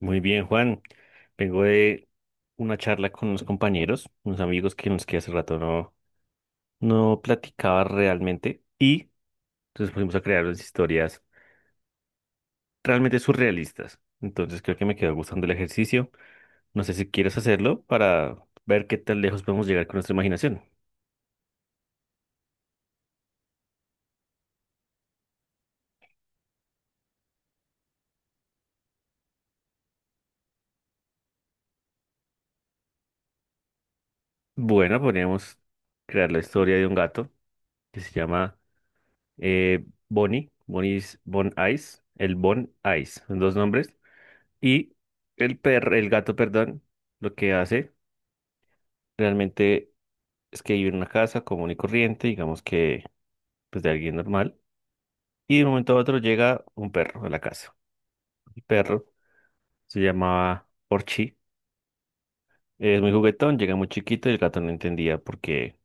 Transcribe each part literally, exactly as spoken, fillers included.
Muy bien, Juan. Vengo de una charla con unos compañeros, unos amigos que nos que hace rato no, no platicaba realmente y entonces fuimos a crear unas historias realmente surrealistas. Entonces creo que me quedó gustando el ejercicio. No sé si quieres hacerlo para ver qué tan lejos podemos llegar con nuestra imaginación. Bueno, podríamos crear la historia de un gato que se llama eh, Bonnie, Bonnie's Bon Ice, el Bon Ice, son dos nombres. Y el perro, el gato, perdón, lo que hace realmente es que vive en una casa común y corriente, digamos que pues de alguien normal. Y de un momento a otro llega un perro a la casa. El perro se llamaba Orchi, es muy juguetón, llega muy chiquito y el gato no entendía por qué,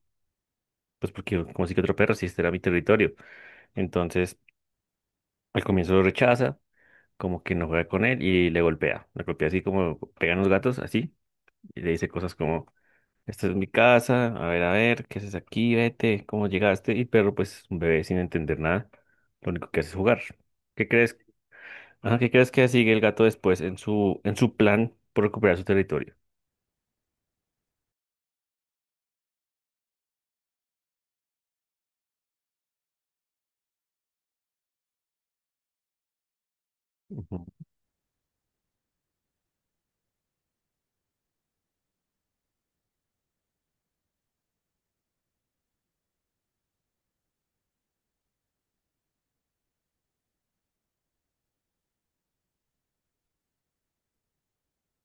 pues porque como si que otro perro, si este era mi territorio. Entonces al comienzo lo rechaza, como que no juega con él y le golpea. Le golpea así como pegan los gatos, así, y le dice cosas como: esta es mi casa, a ver, a ver, ¿qué haces aquí? Vete, ¿cómo llegaste? Y el perro, pues, un bebé sin entender nada, lo único que hace es jugar. ¿Qué crees? Ajá, ¿qué crees que sigue el gato después en su, en su plan por recuperar su territorio? Ujú.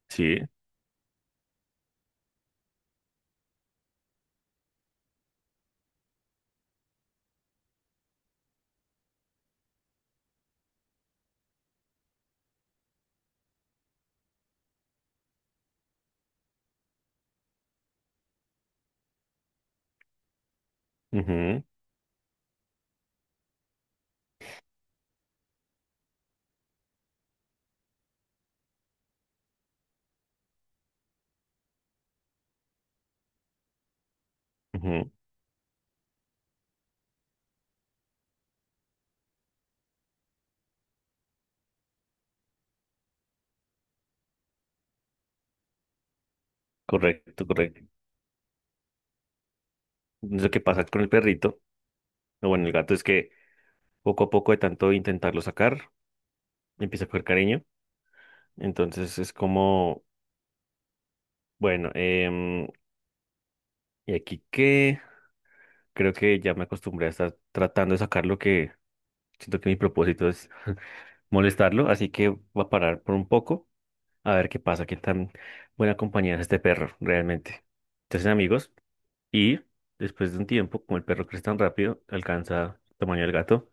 Sí, ujú, ujú. Correcto, correcto. Entonces, lo que pasa con el perrito, o bueno, el gato es que poco a poco de tanto intentarlo sacar, empieza a coger cariño. Entonces es como, bueno, em, ¿y aquí qué? Creo que ya me acostumbré a estar tratando de sacar lo que... Siento que mi propósito es molestarlo, así que voy a parar por un poco a ver qué pasa, qué tan buena compañía es este perro realmente. Se hacen amigos y después de un tiempo, como el perro crece tan rápido, alcanza el tamaño del gato,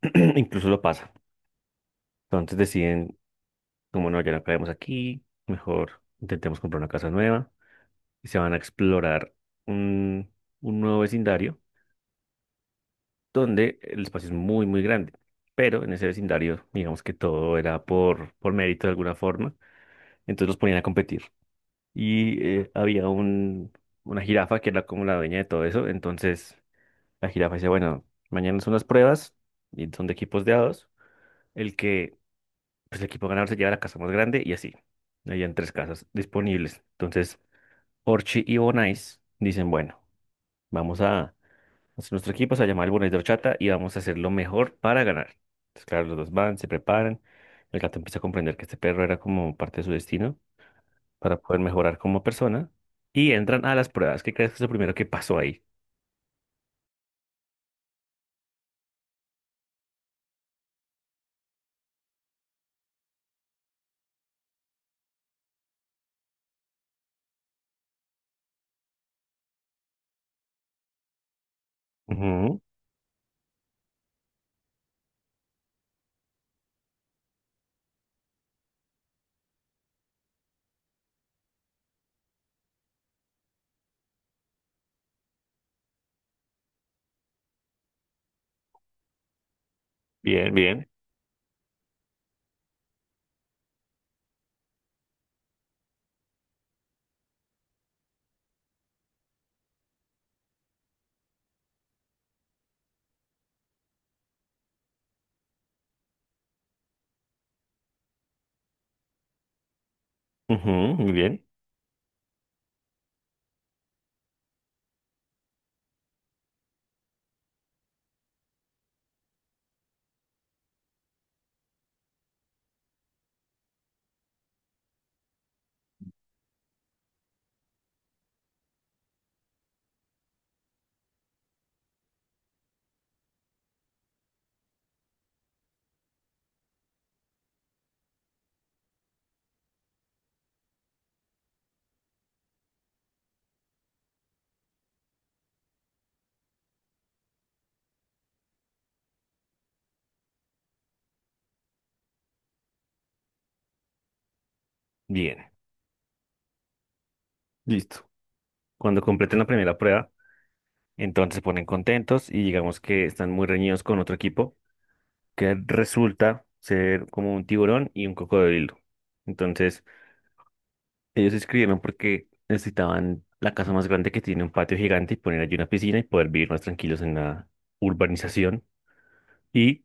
incluso lo pasa. Entonces deciden, como no, ya no caemos aquí, mejor intentemos comprar una casa nueva y se van a explorar un, un nuevo vecindario donde el espacio es muy, muy grande. Pero en ese vecindario, digamos que todo era por, por mérito de alguna forma. Entonces los ponían a competir. Y eh, había un, una jirafa que era como la dueña de todo eso. Entonces la jirafa decía, bueno, mañana son las pruebas y son de equipos de a dos. El que, pues el equipo ganador se lleva la casa más grande y así. Habían tres casas disponibles. Entonces Orchi y Bonais dicen, bueno, vamos a hacer nuestro equipo, se va a llamar el Bonais de Horchata y vamos a hacer lo mejor para ganar. Entonces claro, los dos van, se preparan. El gato empieza a comprender que este perro era como parte de su destino para poder mejorar como persona y entran a las pruebas. ¿Qué crees que es lo primero que pasó ahí? Ujú. Bien, bien. Ujú, muy bien. Bien. Listo. Cuando completen la primera prueba, entonces se ponen contentos y digamos que están muy reñidos con otro equipo que resulta ser como un tiburón y un cocodrilo. Entonces, ellos se inscribieron porque necesitaban la casa más grande que tiene un patio gigante y poner allí una piscina y poder vivir más tranquilos en la urbanización. Y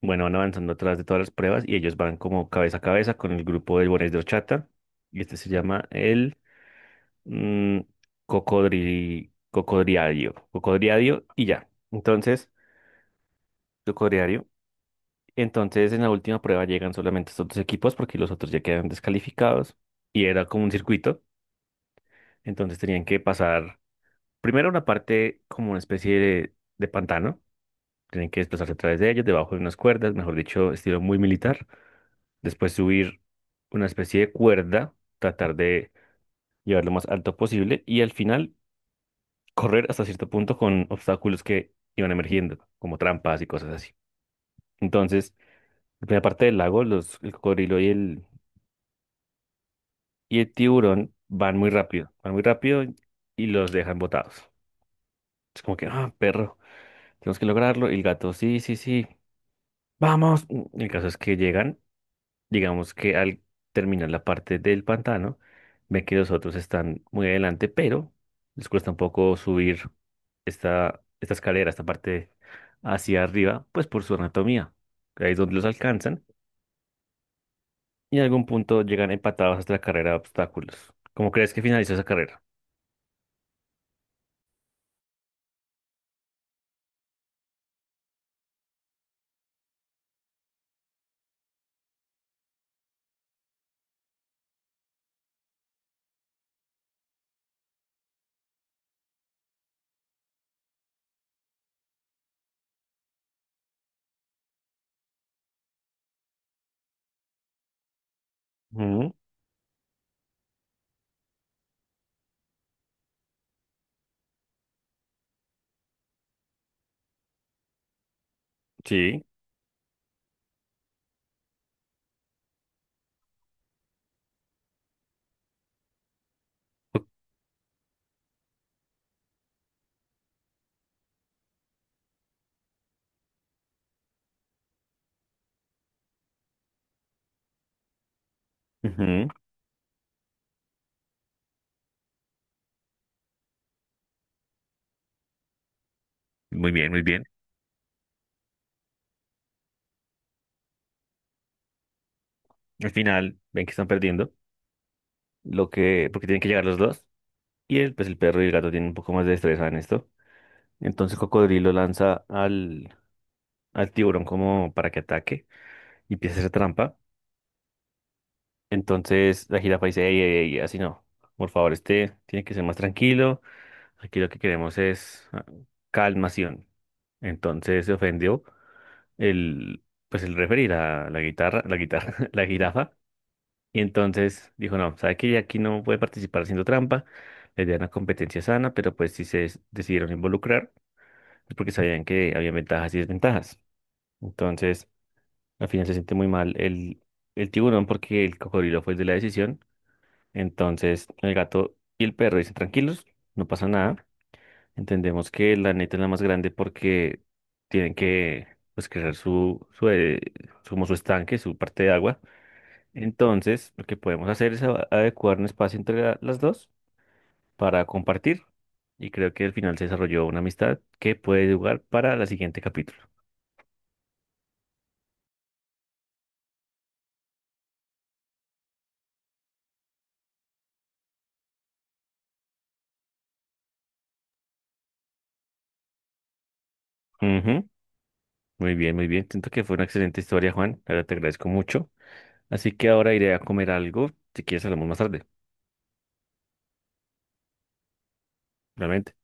bueno, van avanzando atrás de todas las pruebas y ellos van como cabeza a cabeza con el grupo de Bones de Ochata. Y este se llama el mm, cocodri, cocodriadio. Cocodriadio y ya. Entonces, cocodriadio. Entonces, en la última prueba llegan solamente estos dos equipos porque los otros ya quedan descalificados. Y era como un circuito. Entonces, tenían que pasar primero una parte como una especie de de pantano. Tienen que desplazarse a través de ellos, debajo de unas cuerdas, mejor dicho, estilo muy militar. Después subir una especie de cuerda, tratar de llevar lo más alto posible y al final correr hasta cierto punto con obstáculos que iban emergiendo, como trampas y cosas así. Entonces, la primera parte del lago, los, el cocodrilo y el, y el tiburón van muy rápido, van muy rápido y los dejan botados. Es como que, ah, perro, tenemos que lograrlo. Y el gato, sí, sí, sí, vamos. El caso es que llegan. Digamos que al terminar la parte del pantano, ven que los otros están muy adelante, pero les cuesta un poco subir esta, esta escalera, esta parte hacia arriba, pues por su anatomía. Ahí es donde los alcanzan y en algún punto llegan empatados hasta la carrera de obstáculos. ¿Cómo crees que finalizó esa carrera? Ujú, sí. Ujú, muy bien, muy bien. Al final ven que están perdiendo, lo que, porque tienen que llegar los dos. Y el, pues el perro y el gato tienen un poco más de destreza en esto. Entonces Cocodrilo lanza al, al tiburón como para que ataque y empieza a hacer trampa. Entonces la jirafa dice, ey, ey, ey, así no. Por favor, este tiene que ser más tranquilo. Aquí lo que queremos es ah, calmación. Entonces se ofendió el, pues el referir a la guitarra, la guitarra, la jirafa. Y entonces dijo, no, sabe que aquí no puede participar haciendo trampa. Le idea era una competencia sana, pero pues si se decidieron involucrar es porque sabían que había ventajas y desventajas. Entonces, al final se siente muy mal el, el tiburón porque el cocodrilo fue el de la decisión. Entonces el gato y el perro dicen tranquilos, no pasa nada. Entendemos que la neta es la más grande porque tienen que pues crear su, su, eh, su- como su estanque, su parte de agua. Entonces lo que podemos hacer es a- adecuar un espacio entre la- las dos para compartir. Y creo que al final se desarrolló una amistad que puede jugar para la siguiente capítulo. Ujú, muy bien, muy bien. Siento que fue una excelente historia, Juan. Ahora te agradezco mucho. Así que ahora iré a comer algo. Si quieres, hablamos más tarde, realmente.